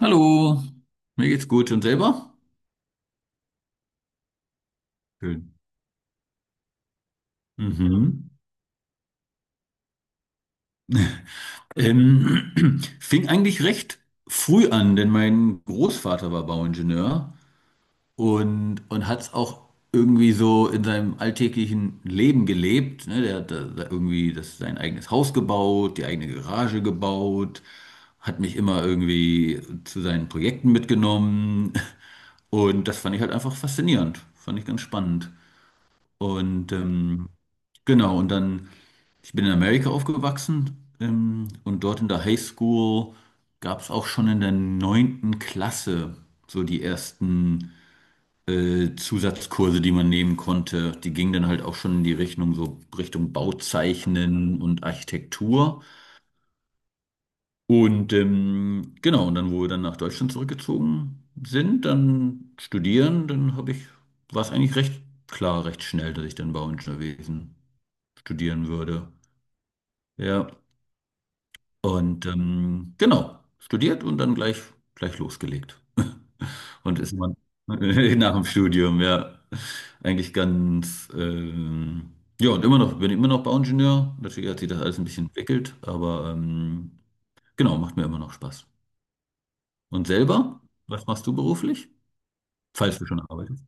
Hallo, mir geht's gut und selber? Schön. Mhm. Fing eigentlich recht früh an, denn mein Großvater war Bauingenieur und hat es auch irgendwie so in seinem alltäglichen Leben gelebt. Ne? Der hat da irgendwie das, sein eigenes Haus gebaut, die eigene Garage gebaut, hat mich immer irgendwie zu seinen Projekten mitgenommen und das fand ich halt einfach faszinierend, fand ich ganz spannend. Und genau, und dann, ich bin in Amerika aufgewachsen und dort in der High School gab es auch schon in der neunten Klasse so die ersten Zusatzkurse, die man nehmen konnte. Die gingen dann halt auch schon in die Richtung, so Richtung Bauzeichnen und Architektur. Und genau, und dann, wo wir dann nach Deutschland zurückgezogen sind, dann studieren, war es eigentlich recht klar, recht schnell, dass ich dann Bauingenieurwesen studieren würde. Ja, und genau, studiert und gleich losgelegt. Und ist man nach dem Studium, ja, eigentlich ganz, ähm, ja, und immer noch, bin immer noch Bauingenieur. Natürlich hat sich das alles ein bisschen entwickelt, aber genau, macht mir immer noch Spaß. Und selber, was machst du beruflich? Falls du schon arbeitest.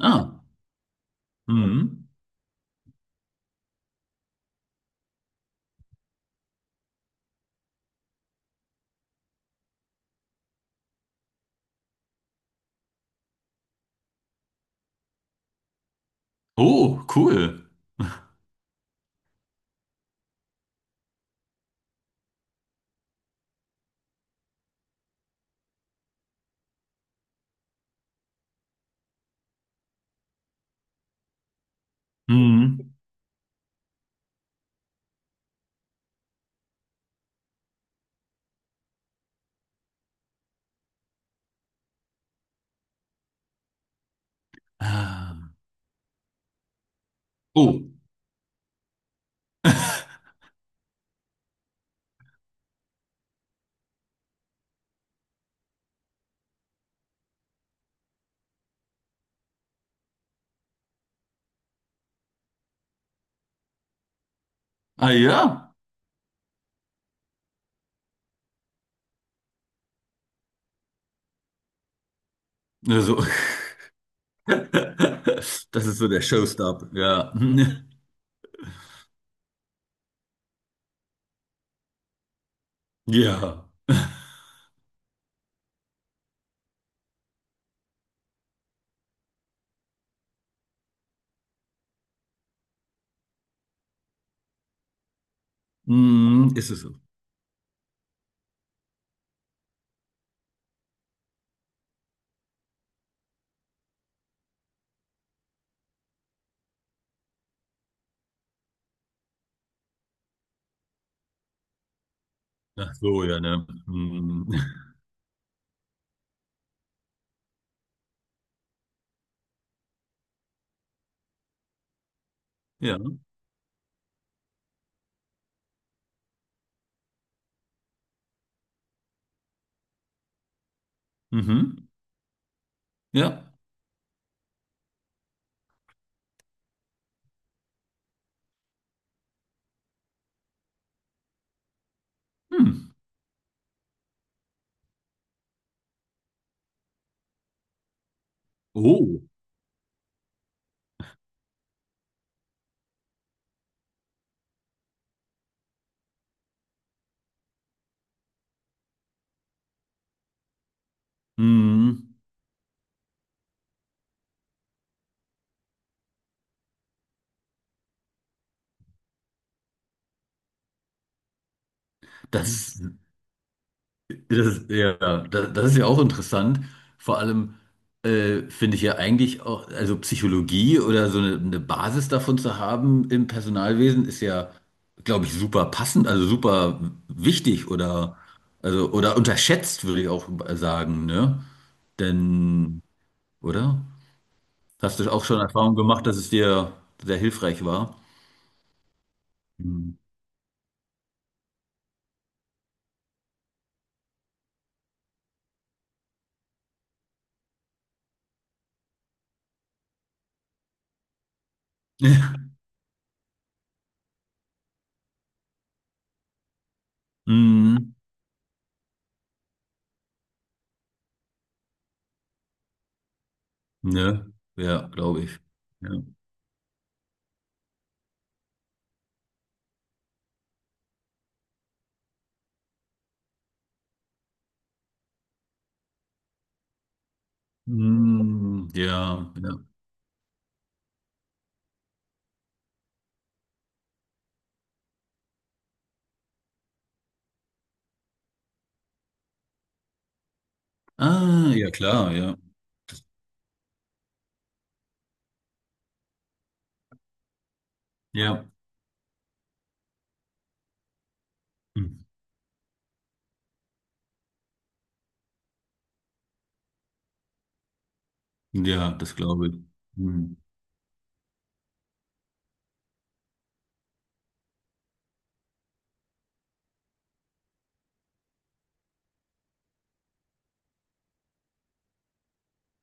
Ah, mhm. Oh, cool. Mhm. Ah. Oh, ah ja, also Das ist so der Showstopper, ja. Ja. Mhm, ist es so. Ach so, ja, ne? Mhm. Ja. Mhm. Ja. Hm. Oh. Mhm. Das ist. Das, ja, das ist ja auch interessant. Vor allem finde ich ja eigentlich auch, also Psychologie oder so eine Basis davon zu haben im Personalwesen ist ja, glaube ich, super passend, also super wichtig oder, also, oder unterschätzt, würde ich auch sagen, ne? Denn, oder? Hast du auch schon Erfahrung gemacht, dass es dir sehr hilfreich war? Mhm. Mhm. Ne? Ja, glaube ich. Ja. Mhm. Ja, ja. Ah, ja klar, ja. Ja. Hm. Ja, das glaube ich. Hm.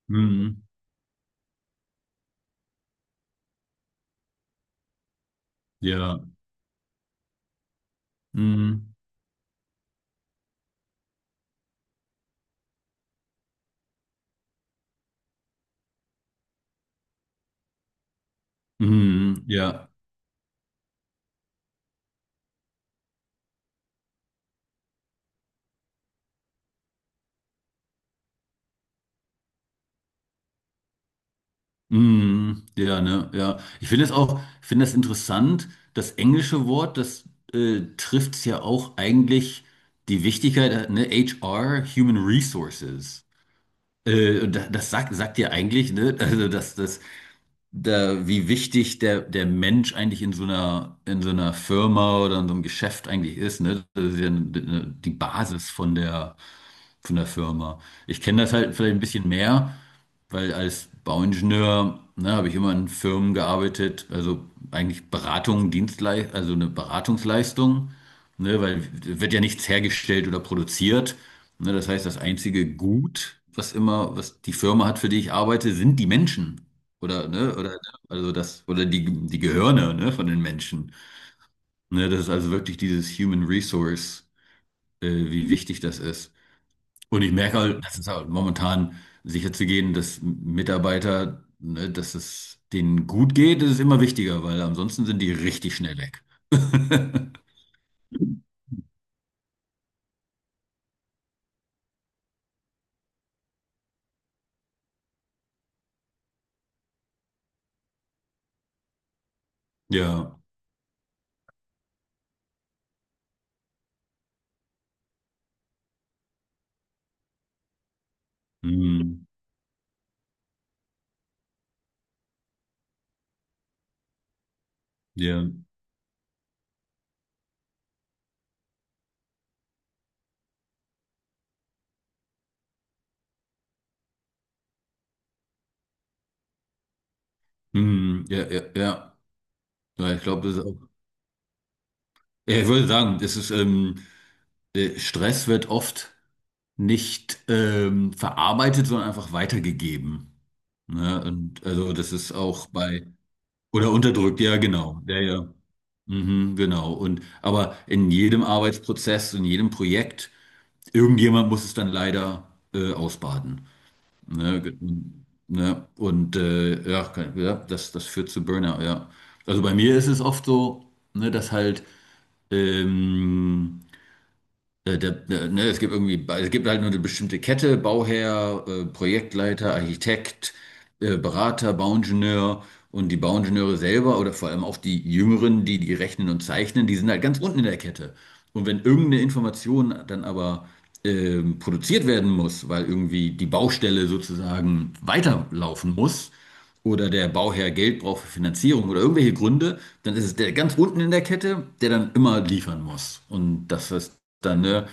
Hm. Ja. Hm. Hm. Ja. Hm. Ja, ne, ja. Ich finde es auch, ich finde das interessant, das englische Wort, das trifft ja auch eigentlich die Wichtigkeit, ne, HR, Human Resources. Das sagt, sagt dir eigentlich, ne? Also, dass das, da, wie wichtig der Mensch eigentlich in so in so einer Firma oder in so einem Geschäft eigentlich ist, ne? Das ist ja die Basis von der Firma. Ich kenne das halt vielleicht ein bisschen mehr, weil als Bauingenieur, ne, habe ich immer in Firmen gearbeitet, also eigentlich Beratung, Dienstleistung, also eine Beratungsleistung, ne, weil wird ja nichts hergestellt oder produziert. Ne, das heißt, das einzige Gut, was immer, was die Firma hat, für die ich arbeite, sind die Menschen. Oder, ne, oder, also das, oder die Gehirne, ne, von den Menschen. Ne, das ist also wirklich dieses Human Resource, wie wichtig das ist. Und ich merke halt, dass es halt momentan sicher zu gehen, dass Mitarbeiter, ne, dass es denen gut geht, das ist immer wichtiger, weil ansonsten sind die richtig schnell weg. Ja, hm, ja, hm, ja, ja, ja. Ja, ich glaube, das ist auch. Ja, ich würde sagen, das ist, Stress wird oft nicht verarbeitet, sondern einfach weitergegeben. Ne? Und also das ist auch bei, oder unterdrückt, ja, genau. Ja, ja. Mhm, genau. Und aber in jedem Arbeitsprozess, in jedem Projekt, irgendjemand muss es dann leider ausbaden. Ne? Ge-. Ne? Und ja, kann-, ja, das führt zu Burnout, ja. Also bei mir ist es oft so, ne, dass halt ähm, ne, es gibt irgendwie, es gibt halt nur eine bestimmte Kette, Bauherr, Projektleiter, Architekt, Berater, Bauingenieur und die Bauingenieure selber oder vor allem auch die Jüngeren, die rechnen und zeichnen, die sind halt ganz unten in der Kette. Und wenn irgendeine Information dann aber produziert werden muss, weil irgendwie die Baustelle sozusagen weiterlaufen muss, oder der Bauherr Geld braucht für Finanzierung oder irgendwelche Gründe, dann ist es der ganz unten in der Kette, der dann immer liefern muss. Und das ist dann, ne,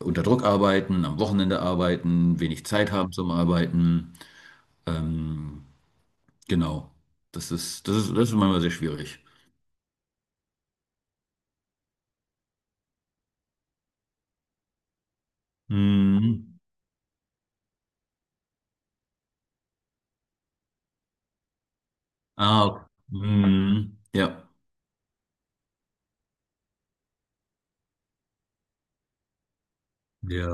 unter Druck arbeiten, am Wochenende arbeiten, wenig Zeit haben zum Arbeiten. Ähm, genau. Das ist manchmal sehr schwierig. Hm. Ah, hm. Ja. Ja.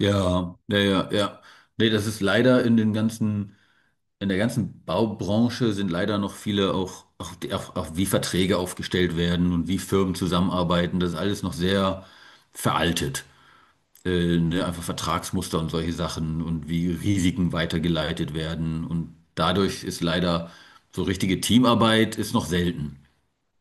Ja. Ja, ja, ja. Nee, das ist leider in den ganzen in der ganzen Baubranche sind leider noch viele auch wie Verträge aufgestellt werden und wie Firmen zusammenarbeiten. Das ist alles noch sehr veraltet. Ne, einfach Vertragsmuster und solche Sachen und wie Risiken weitergeleitet werden. Und dadurch ist leider so richtige Teamarbeit ist noch selten.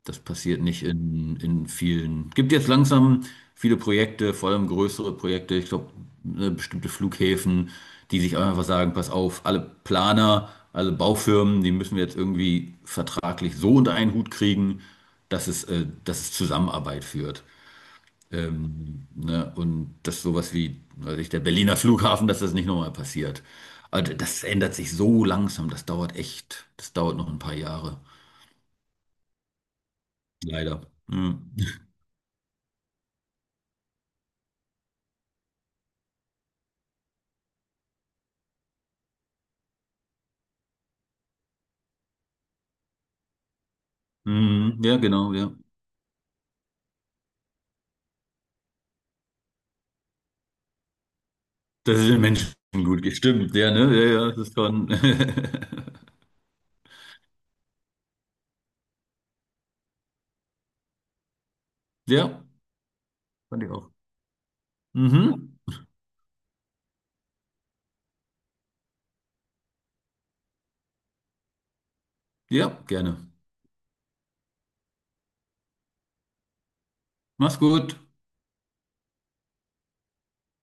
Das passiert nicht in vielen. Gibt jetzt langsam viele Projekte, vor allem größere Projekte, ich glaube, bestimmte Flughäfen, die sich einfach sagen, pass auf, alle Planer, alle Baufirmen, die müssen wir jetzt irgendwie vertraglich so unter einen Hut kriegen, dass es Zusammenarbeit führt. Ne? Und dass sowas wie, weiß ich, der Berliner Flughafen, dass das nicht nochmal passiert. Also das ändert sich so langsam, das dauert noch ein paar Jahre. Leider. Hm. Mhm. Ja, genau, ja. Das ist den Menschen gut gestimmt, ja, ne? Ja, ja, das ist schon. Ja, fand ich auch. Mhm. Ja, gerne. Mach's gut.